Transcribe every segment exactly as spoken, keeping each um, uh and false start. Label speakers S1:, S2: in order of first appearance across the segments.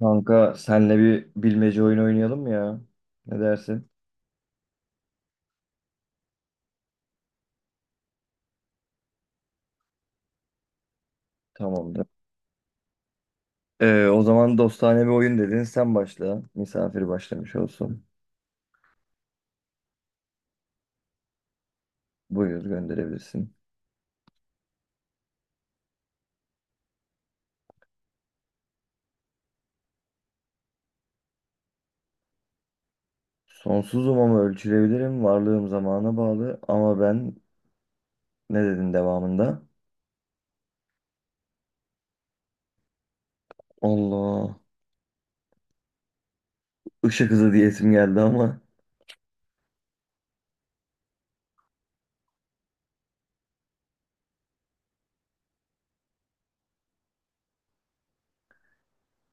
S1: Kanka senle bir bilmece oyun oynayalım mı ya? Ne dersin? Tamamdır. Ee, o zaman dostane bir oyun dedin. Sen başla. Misafir başlamış olsun. Buyur gönderebilirsin. Sonsuzum ama ölçülebilirim. Varlığım zamana bağlı. Ama ben ne dedin devamında? Allah. Işık hızı diyesim geldi ama.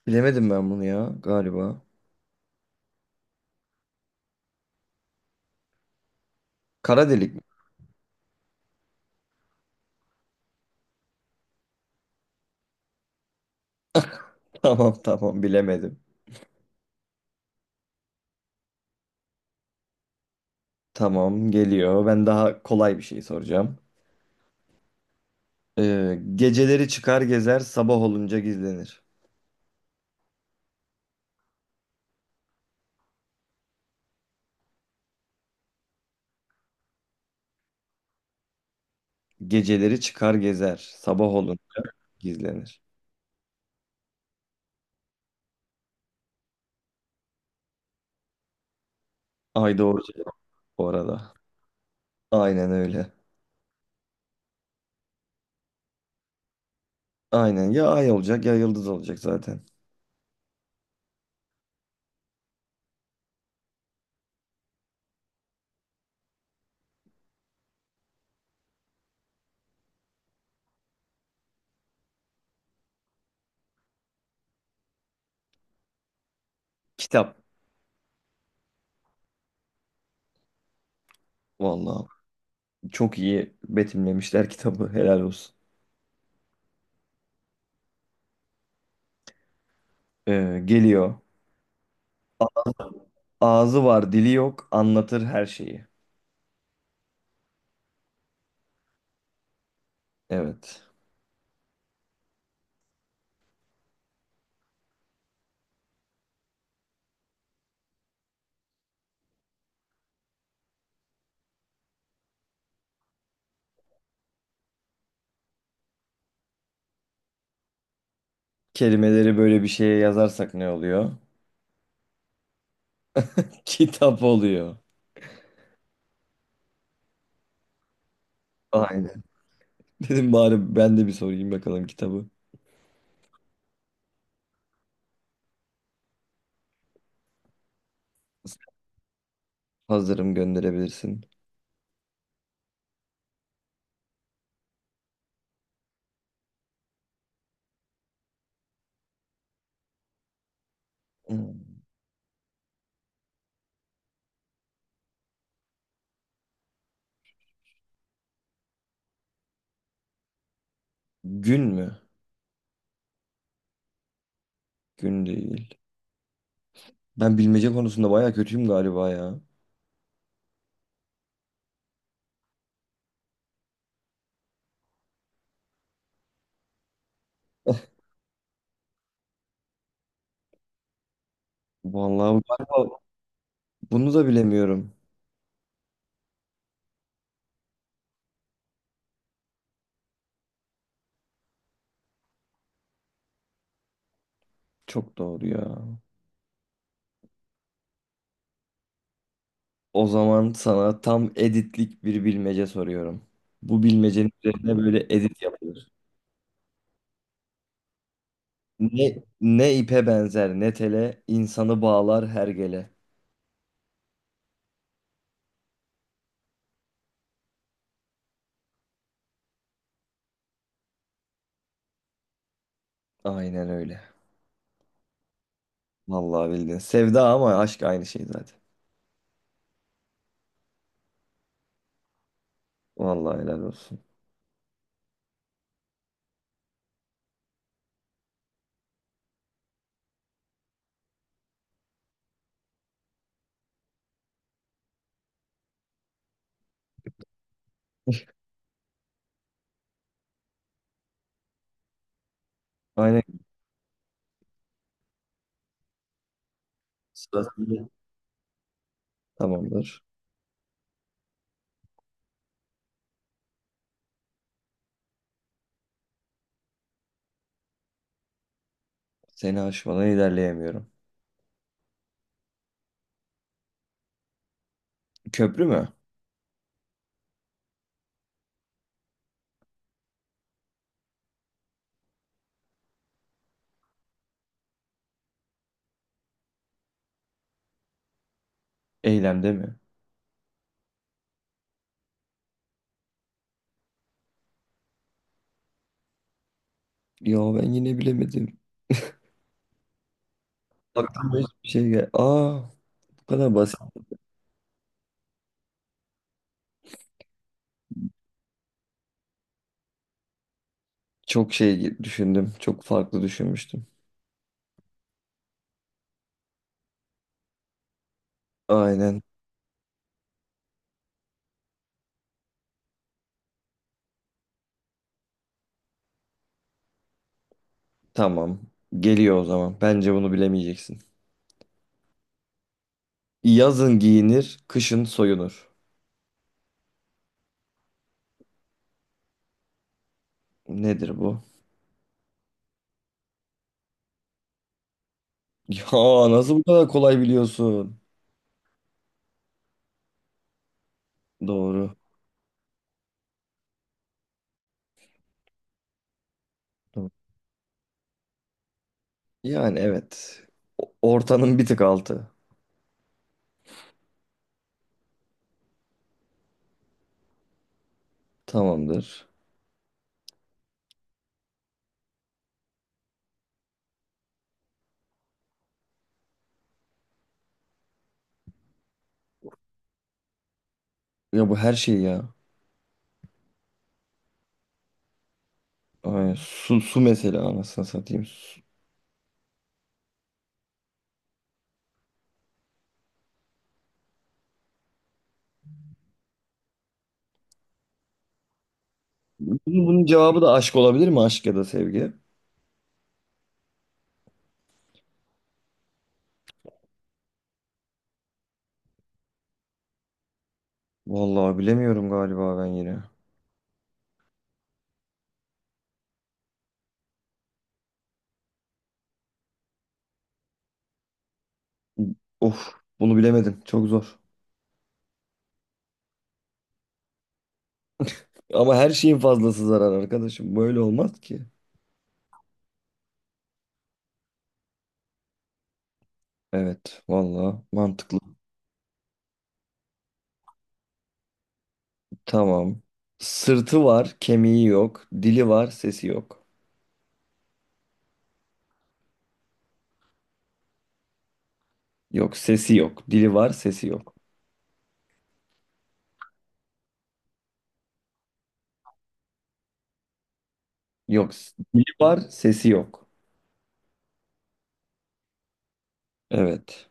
S1: Bilemedim ben bunu ya galiba. Kara delik mi? Tamam tamam bilemedim. Tamam geliyor. Ben daha kolay bir şey soracağım. Ee, geceleri çıkar gezer, sabah olunca gizlenir. Geceleri çıkar gezer, sabah olunca gizlenir. Ay doğru cevap bu arada. Aynen öyle. Aynen ya ay olacak ya yıldız olacak zaten. Kitap. Vallahi çok iyi betimlemişler kitabı. Helal olsun. Ee, geliyor. A- Ağzı var, dili yok, anlatır her şeyi. Evet. Kelimeleri böyle bir şeye yazarsak ne oluyor? Kitap oluyor. Aynen. Dedim bari ben de bir sorayım bakalım kitabı. Hazırım gönderebilirsin. Hmm. Gün mü? Gün değil. Ben bilmece konusunda bayağı kötüyüm galiba ya. Vallahi galiba bunu da bilemiyorum. Çok doğru ya. O zaman sana tam editlik bir bilmece soruyorum. Bu bilmecenin üzerine böyle edit yapılır. Ne, ne ipe benzer ne tele, insanı bağlar hergele. Aynen öyle. Vallahi bildin. Sevda ama aşk aynı şey zaten. Vallahi helal olsun. Aynen. Sırası- Tamamdır. Seni aşmadan ilerleyemiyorum. Köprü mü? Eylemde mi? Ya ben yine bilemedim. Aklıma hiçbir şey gel. Aa, bu kadar basit. Çok şey düşündüm. Çok farklı düşünmüştüm. Aynen. Tamam. Geliyor o zaman. Bence bunu bilemeyeceksin. Yazın giyinir, kışın soyunur. Nedir bu? Ya nasıl bu kadar kolay biliyorsun? Doğru. Doğru. Yani evet. O- Ortanın bir tık altı. Tamamdır. Ya bu her şey ya. Aynen. Su, su mesela anasını satayım. Su- Bunun, bunun cevabı da aşk olabilir mi? Aşk ya da sevgi. Vallahi bilemiyorum galiba ben yine. Of bunu bilemedim. Çok zor. Ama her şeyin fazlası zarar arkadaşım. Böyle olmaz ki. Evet vallahi mantıklı. Tamam. Sırtı var, kemiği yok. Dili var, sesi yok. Yok sesi yok. Dili var, sesi yok. Yok s- dili var, sesi yok. Evet.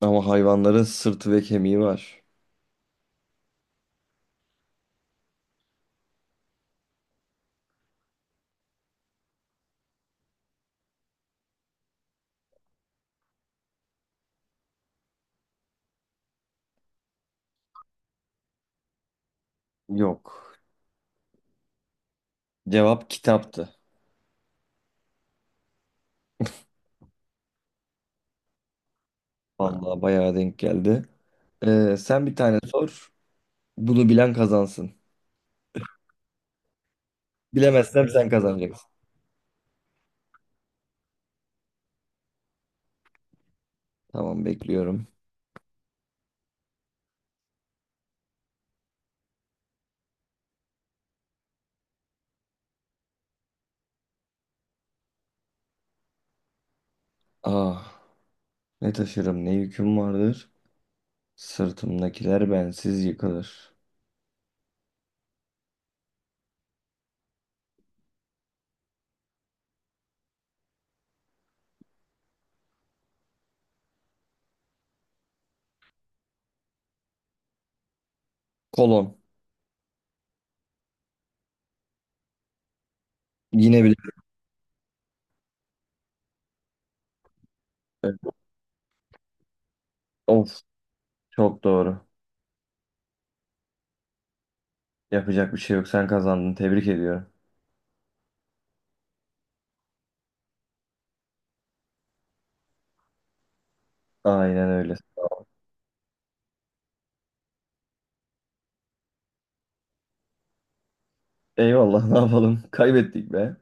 S1: Ama hayvanların sırtı ve kemiği var. Yok. Cevap kitaptı. Vallahi bayağı denk geldi. Ee, sen bir tane sor. Bunu bilen kazansın. Bilemezsem sen kazanacaksın. Tamam bekliyorum. Ah ne taşırım ne yüküm vardır. Sırtımdakiler bensiz yıkılır. Kolon. Yine bile. Of çok doğru. Yapacak bir şey yok, sen kazandın, tebrik ediyorum. Aynen öyle. Eyvallah ne yapalım kaybettik be.